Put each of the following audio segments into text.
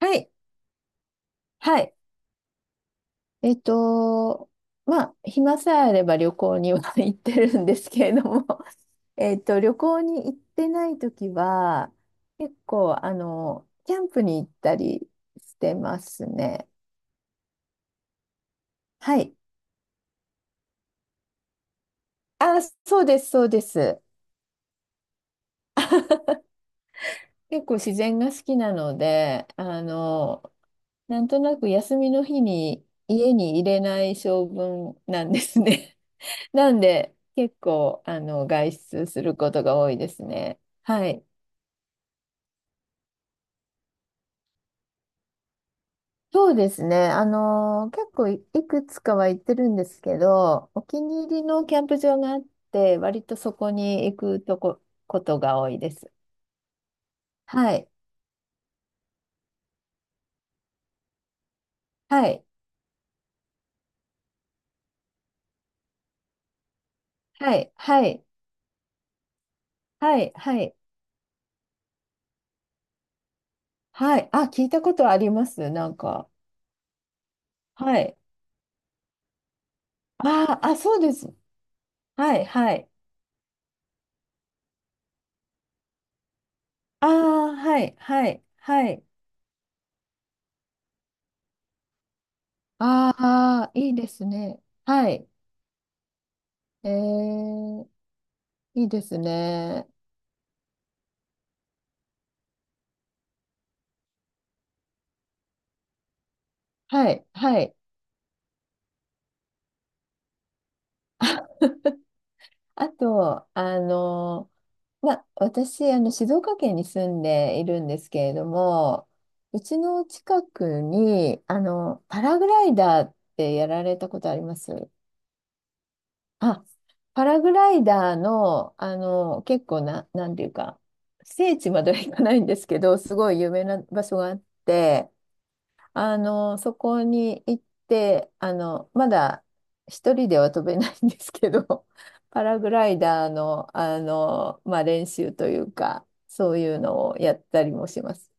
はい。はい。えっと、まあ、暇さえあれば旅行には 行ってるんですけれども、旅行に行ってないときは、結構、キャンプに行ったりしてますね。はい。あ、そうです、そうです。結構自然が好きなので、なんとなく休みの日に家に入れない性分なんですね。なんで、結構、外出することが多いですね。はい。そうですね。結構いくつかは行ってるんですけど、お気に入りのキャンプ場があって、割とそこに行くことが多いです。はい。はい。はい。はい。はい。はい。はい。あ、聞いたことあります。なんか。はい。あーあ、そうです。はい。はい。ああ、はい。はい。はい。ああ、いいですね。はい。えー、いいですね。はい、はい。あ、あと、私、静岡県に住んでいるんですけれども、うちの近くに、パラグライダーってやられたことあります？あ、パラグライダーの、結構な、なんていうか、聖地までは行かないんですけど、すごい有名な場所があって、そこに行って、まだ一人では飛べないんですけど、パラグライダーの、まあ、練習というか、そういうのをやったりもします。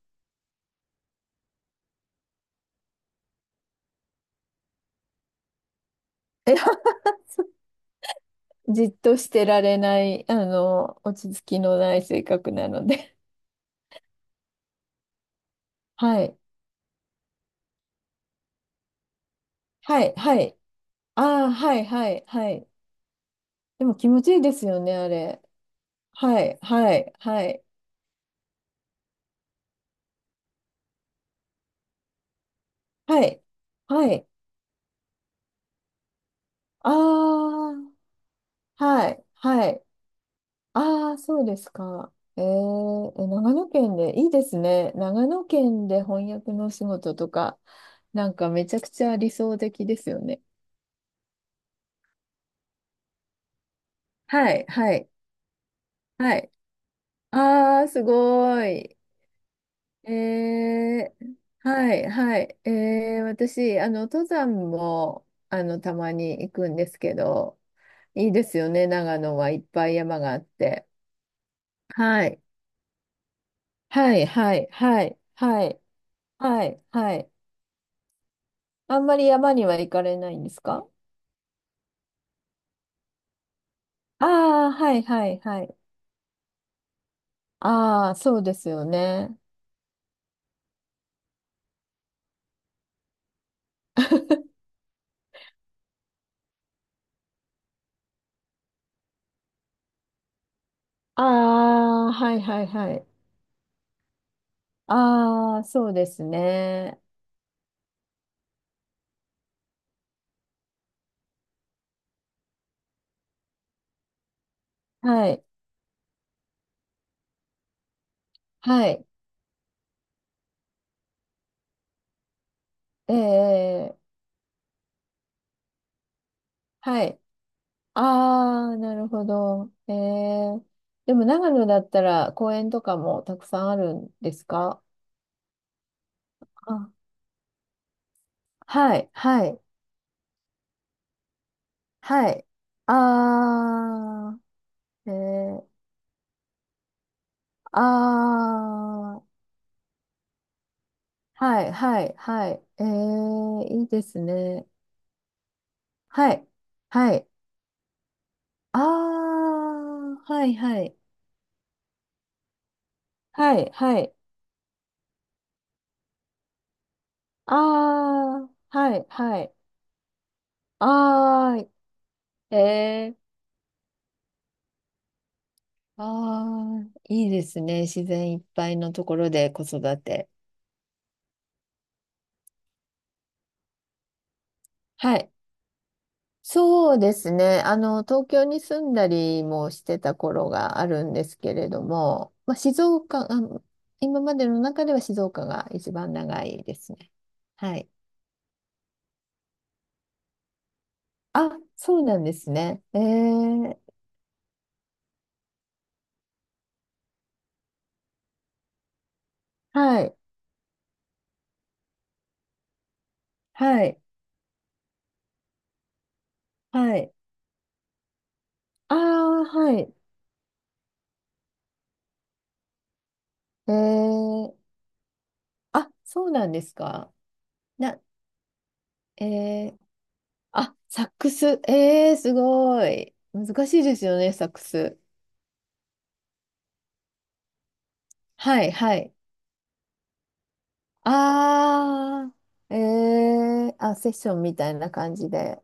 じっとしてられない、落ち着きのない性格なので。はい。はい、はい。ああ、はい、はい、はい。でも気持ちいいですよね、あれ。はい、はい、はい、はい、はい。ああ、はい、はい。ああ、そうですか。えー、え、長野県で、いいですね。長野県で翻訳のお仕事とか、なんかめちゃくちゃ理想的ですよね。はい、はい、はい。ああ、すごい。えー、はい、はい。えー、私、登山も、たまに行くんですけど、いいですよね、長野はいっぱい山があって。はい、はい、はい、はい、はい、はい、はい。あんまり山には行かれないんですか？ああー、はいはいはい。ああ、そうですよね。ああ、はいはいはい。ああ、そうですね。はい、はい。ええ、はい。ああ、なるほど。ええ。でも長野だったら公園とかもたくさんあるんですか？あ、はい、はい、はい。ああ、ええ、ああ、はい、はい、はい。えー、いいですね。はい、はい。あー、はい、はい。はい、はい。あー、はい、はい。あー、えー、あー、いいですね。自然いっぱいのところで子育て。はい。そうですね。東京に住んだりもしてた頃があるんですけれども、まあ、静岡、今までの中では静岡が一番長いですね。はい。あ、そうなんですね。えー、はい、はい、はい。ああ、はい。えー、あ、そうなんですか。な、えー、あ、サックス。えー、すごい。難しいですよね、サックス。はい、はい。ああ、えー、あ、セッションみたいな感じで。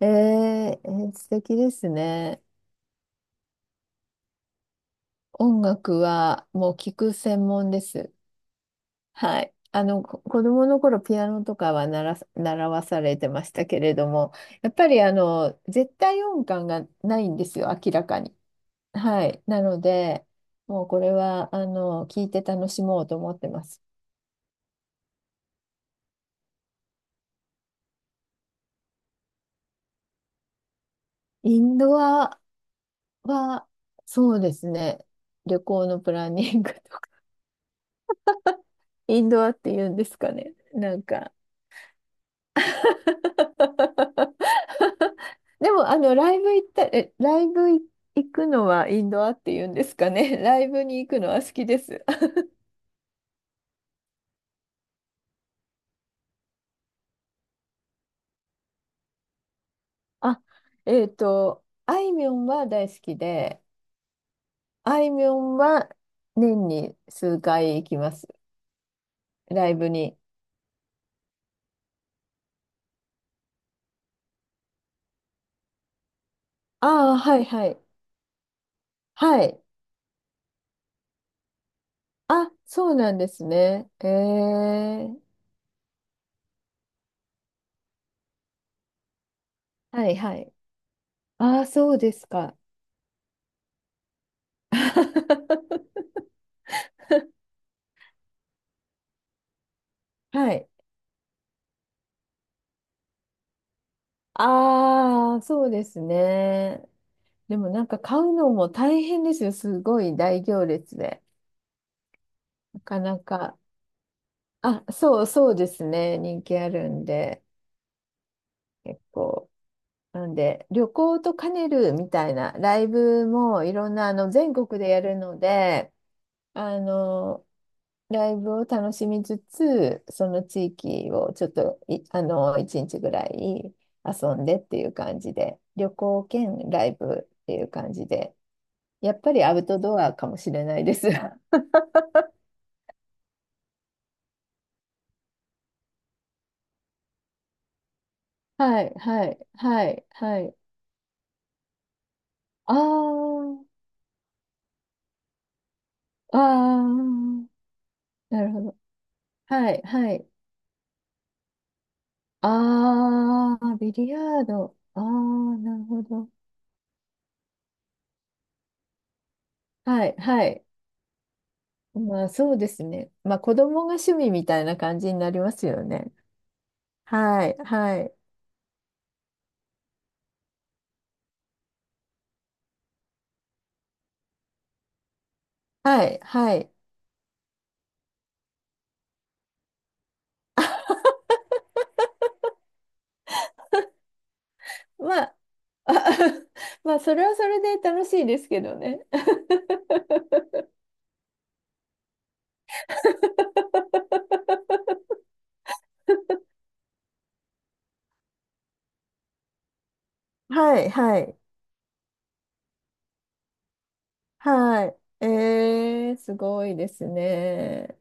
えー、えー素敵ですね。音楽はもう聞く専門です。はい。子供の頃ピアノとかは習わされてましたけれども、やっぱり絶対音感がないんですよ、明らかに。はい。なので、もうこれは、聞いて楽しもうと思ってます。インドアは、そうですね。旅行のプランニングとか、インドアって言うんですかね。なんか。 でも、ライブ行くのはインドアっていうんですかね。ライブに行くのは好きです。あ、あいみょんは大好きで、あいみょんは年に数回行きます。ライブに。ああ、はいはい。はい。あ、そうなんですね。えー、はいはい。ああ、そうですか。はい。ああ、そうですね。でもなんか買うのも大変ですよ。すごい大行列で。なかなか。あ、そうそうですね。人気あるんで、結構。なんで、旅行と兼ねるみたいな、ライブもいろんな、全国でやるので、あの、ライブを楽しみつつ、その地域をちょっと一日ぐらい遊んでっていう感じで、旅行兼ライブっていう感じで、やっぱりアウトドアかもしれないです。はい、はい、はい、はい。あー、あー、なるほど。はい、はい。あー、ビリヤード。あー、なるほど。はい、はい。まあ、そうですね。まあ、子供が趣味みたいな感じになりますよね。はい、はい、はい、はい。まあ、あ まあ、それはそれで楽しいですけどね。はい、はい、はい。えー、すごいですね。